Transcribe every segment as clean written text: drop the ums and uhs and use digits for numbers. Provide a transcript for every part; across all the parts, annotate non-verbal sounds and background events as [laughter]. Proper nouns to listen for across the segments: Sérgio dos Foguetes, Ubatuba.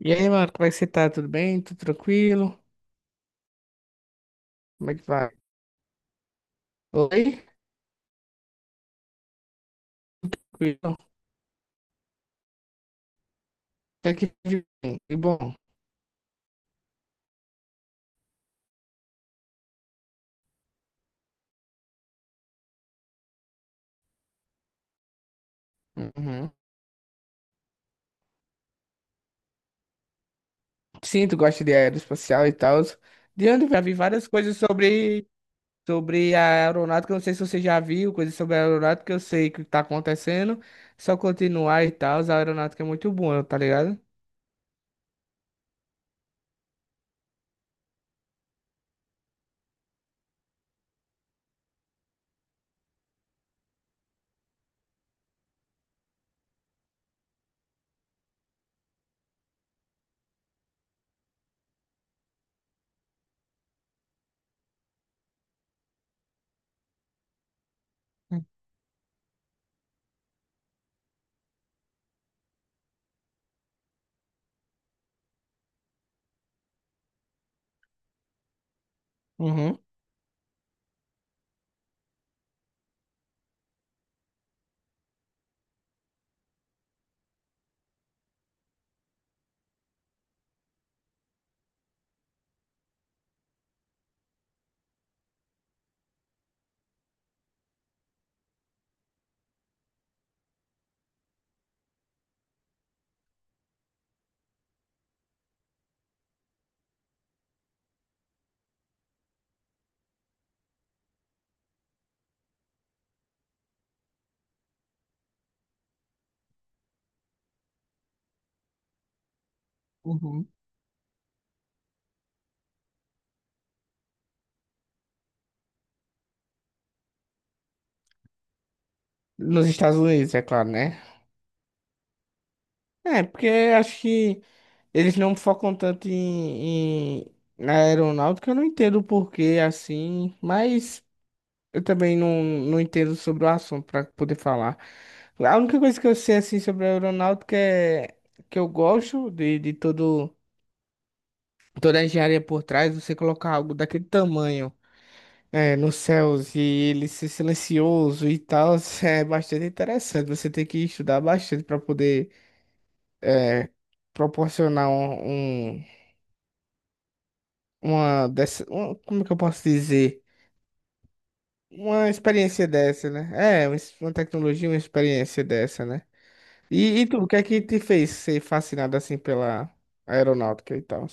E aí, mano, como é que você tá? Tudo bem? Tudo tranquilo? Como é que vai? Oi? Tranquilo? Até que de bem. E bom. Uhum. Sim, tu gosta de aeroespacial e tal. De onde eu já vi várias coisas sobre a aeronáutica. Eu Não sei se você já viu coisas sobre a aeronáutica. Eu sei que tá acontecendo. Só continuar e tal. A aeronáutica é muito boa, tá ligado? Uhum. Uhum. Nos Estados Unidos, é claro, né? É, porque acho que. Eles não focam tanto na aeronáutica, eu não entendo o porquê assim, mas eu também não entendo sobre o assunto para poder falar. A única coisa que eu sei assim sobre a aeronáutica é que eu gosto de todo, toda a engenharia por trás, você colocar algo daquele tamanho nos céus e ele ser silencioso e tal, [laughs] é bastante interessante. Você tem que estudar bastante para poder é, proporcionar um como é que eu posso dizer? Uma experiência dessa, né? É, uma tecnologia, uma experiência dessa, né? E tu, o que é que te fez ser fascinado assim pela aeronáutica e tal?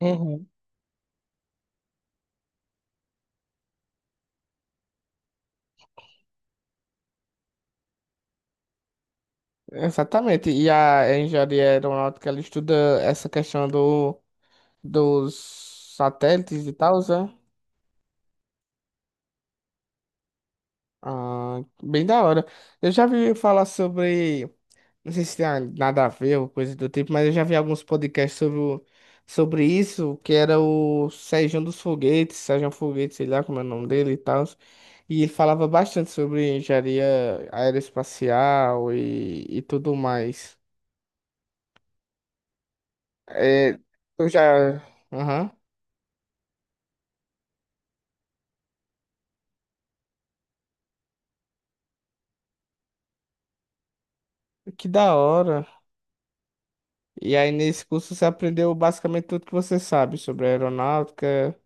Uhum. Exatamente. E a engenharia aeronáutica, ela estuda essa questão dos satélites e tal, né? Ah, bem da hora. Eu já vi falar sobre. Não sei se tem nada a ver ou coisa do tipo, mas eu já vi alguns podcasts sobre isso, que era o Sérgio dos Foguetes, Sérgio Foguetes, sei lá como é o nome dele e tal. E ele falava bastante sobre engenharia aeroespacial e tudo mais. É, eu já. Aham, que da hora. E aí nesse curso você aprendeu basicamente tudo que você sabe sobre aeronáutica.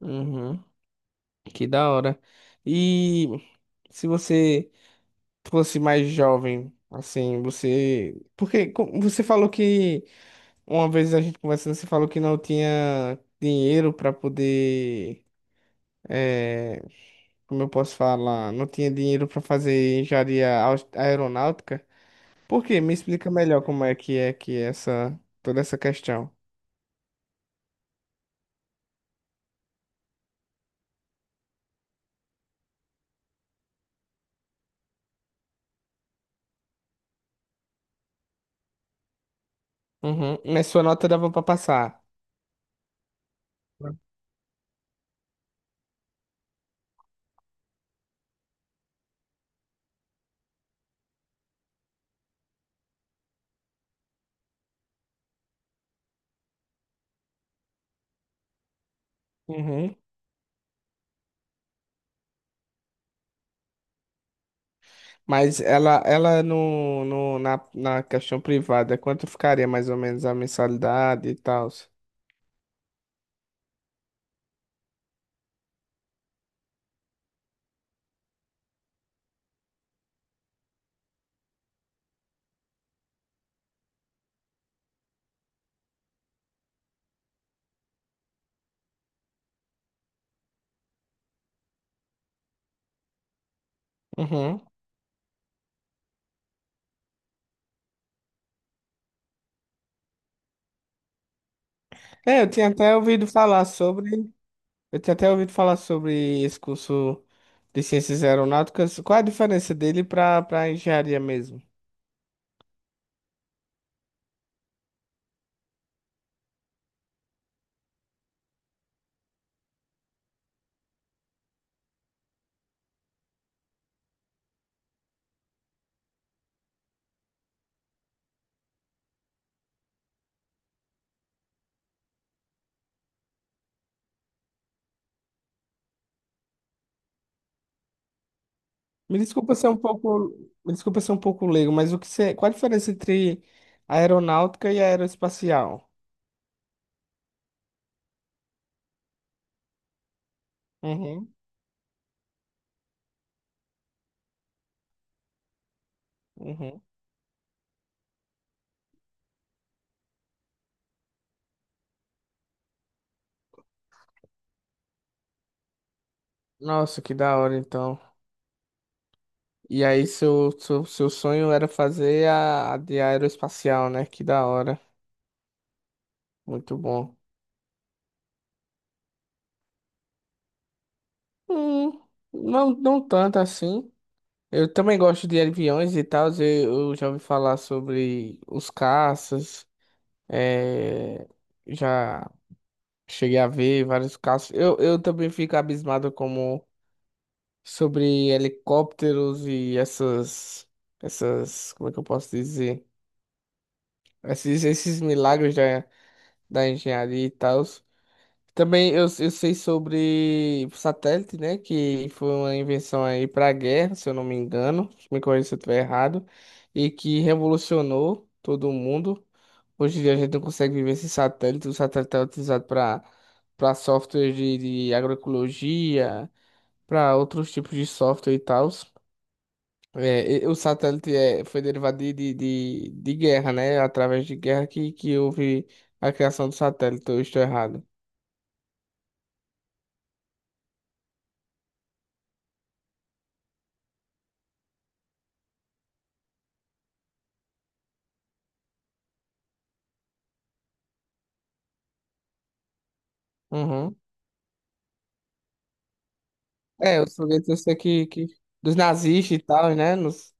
Uhum, que da hora. E se você fosse mais jovem, assim, você. Porque você falou que uma vez a gente conversando, você falou que não tinha dinheiro para poder. é, Como eu posso falar? Não tinha dinheiro para fazer engenharia aeronáutica. Por quê? Me explica melhor como é que é essa toda essa questão. Uhum. Mas sua nota dava para passar. Uhum. Mas ela no, no, na, na questão privada, quanto ficaria mais ou menos a mensalidade e tal? É, eu tinha até ouvido falar sobre. Eu tinha até ouvido falar sobre esse curso de ciências aeronáuticas. Qual a diferença dele para engenharia mesmo? Me desculpa ser um pouco, me desculpa ser um pouco leigo, mas o que você, qual a diferença entre aeronáutica e aeroespacial? Uhum, uhum. Nossa, que da hora então. E aí seu sonho era fazer a de aeroespacial, né? Que da hora. Muito bom. Hum, não tanto assim. Eu também gosto de aviões e tal. Eu já ouvi falar sobre os caças. é, já cheguei a ver vários caças. Eu também fico abismado como sobre helicópteros e como é que eu posso dizer? Esses milagres da, da engenharia e tal. Também eu sei sobre satélite, né? Que foi uma invenção aí para guerra, se eu não me engano. Me corrija se eu estiver errado. E que revolucionou todo mundo. Hoje em dia a gente não consegue viver sem satélite. O satélite é utilizado para software de agroecologia, para outros tipos de software e tal. É, o satélite é, foi derivado de guerra, né? Através de guerra que houve a criação do satélite. Eu estou errado. Uhum. É, os foguetes eu sei que dos nazistas e tal, né? Nos,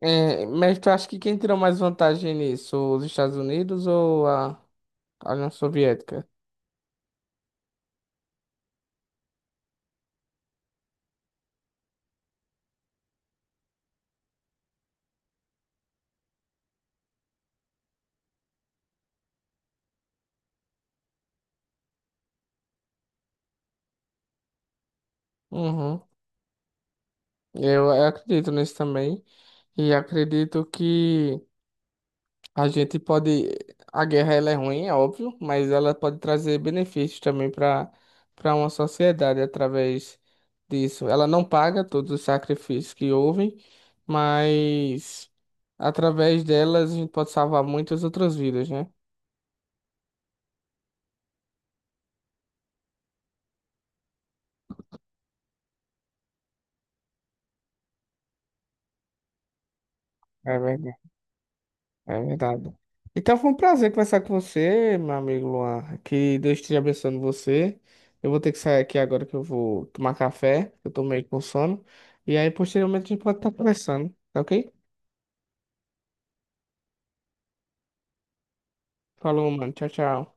é, mas tu acha que quem tirou mais vantagem nisso? Os Estados Unidos ou a União Soviética? Uhum. Eu acredito nisso também. E acredito que a gente pode. A guerra ela é ruim, é óbvio, mas ela pode trazer benefícios também para uma sociedade através disso. Ela não paga todos os sacrifícios que houve, mas através delas a gente pode salvar muitas outras vidas, né? É verdade, é verdade. Então foi um prazer conversar com você, meu amigo Luan. Que Deus esteja abençoando você. Eu vou ter que sair aqui agora que eu vou tomar café. Eu tô meio com sono. E aí, posteriormente, a gente pode estar conversando, tá ok? Falou, mano. Tchau, tchau.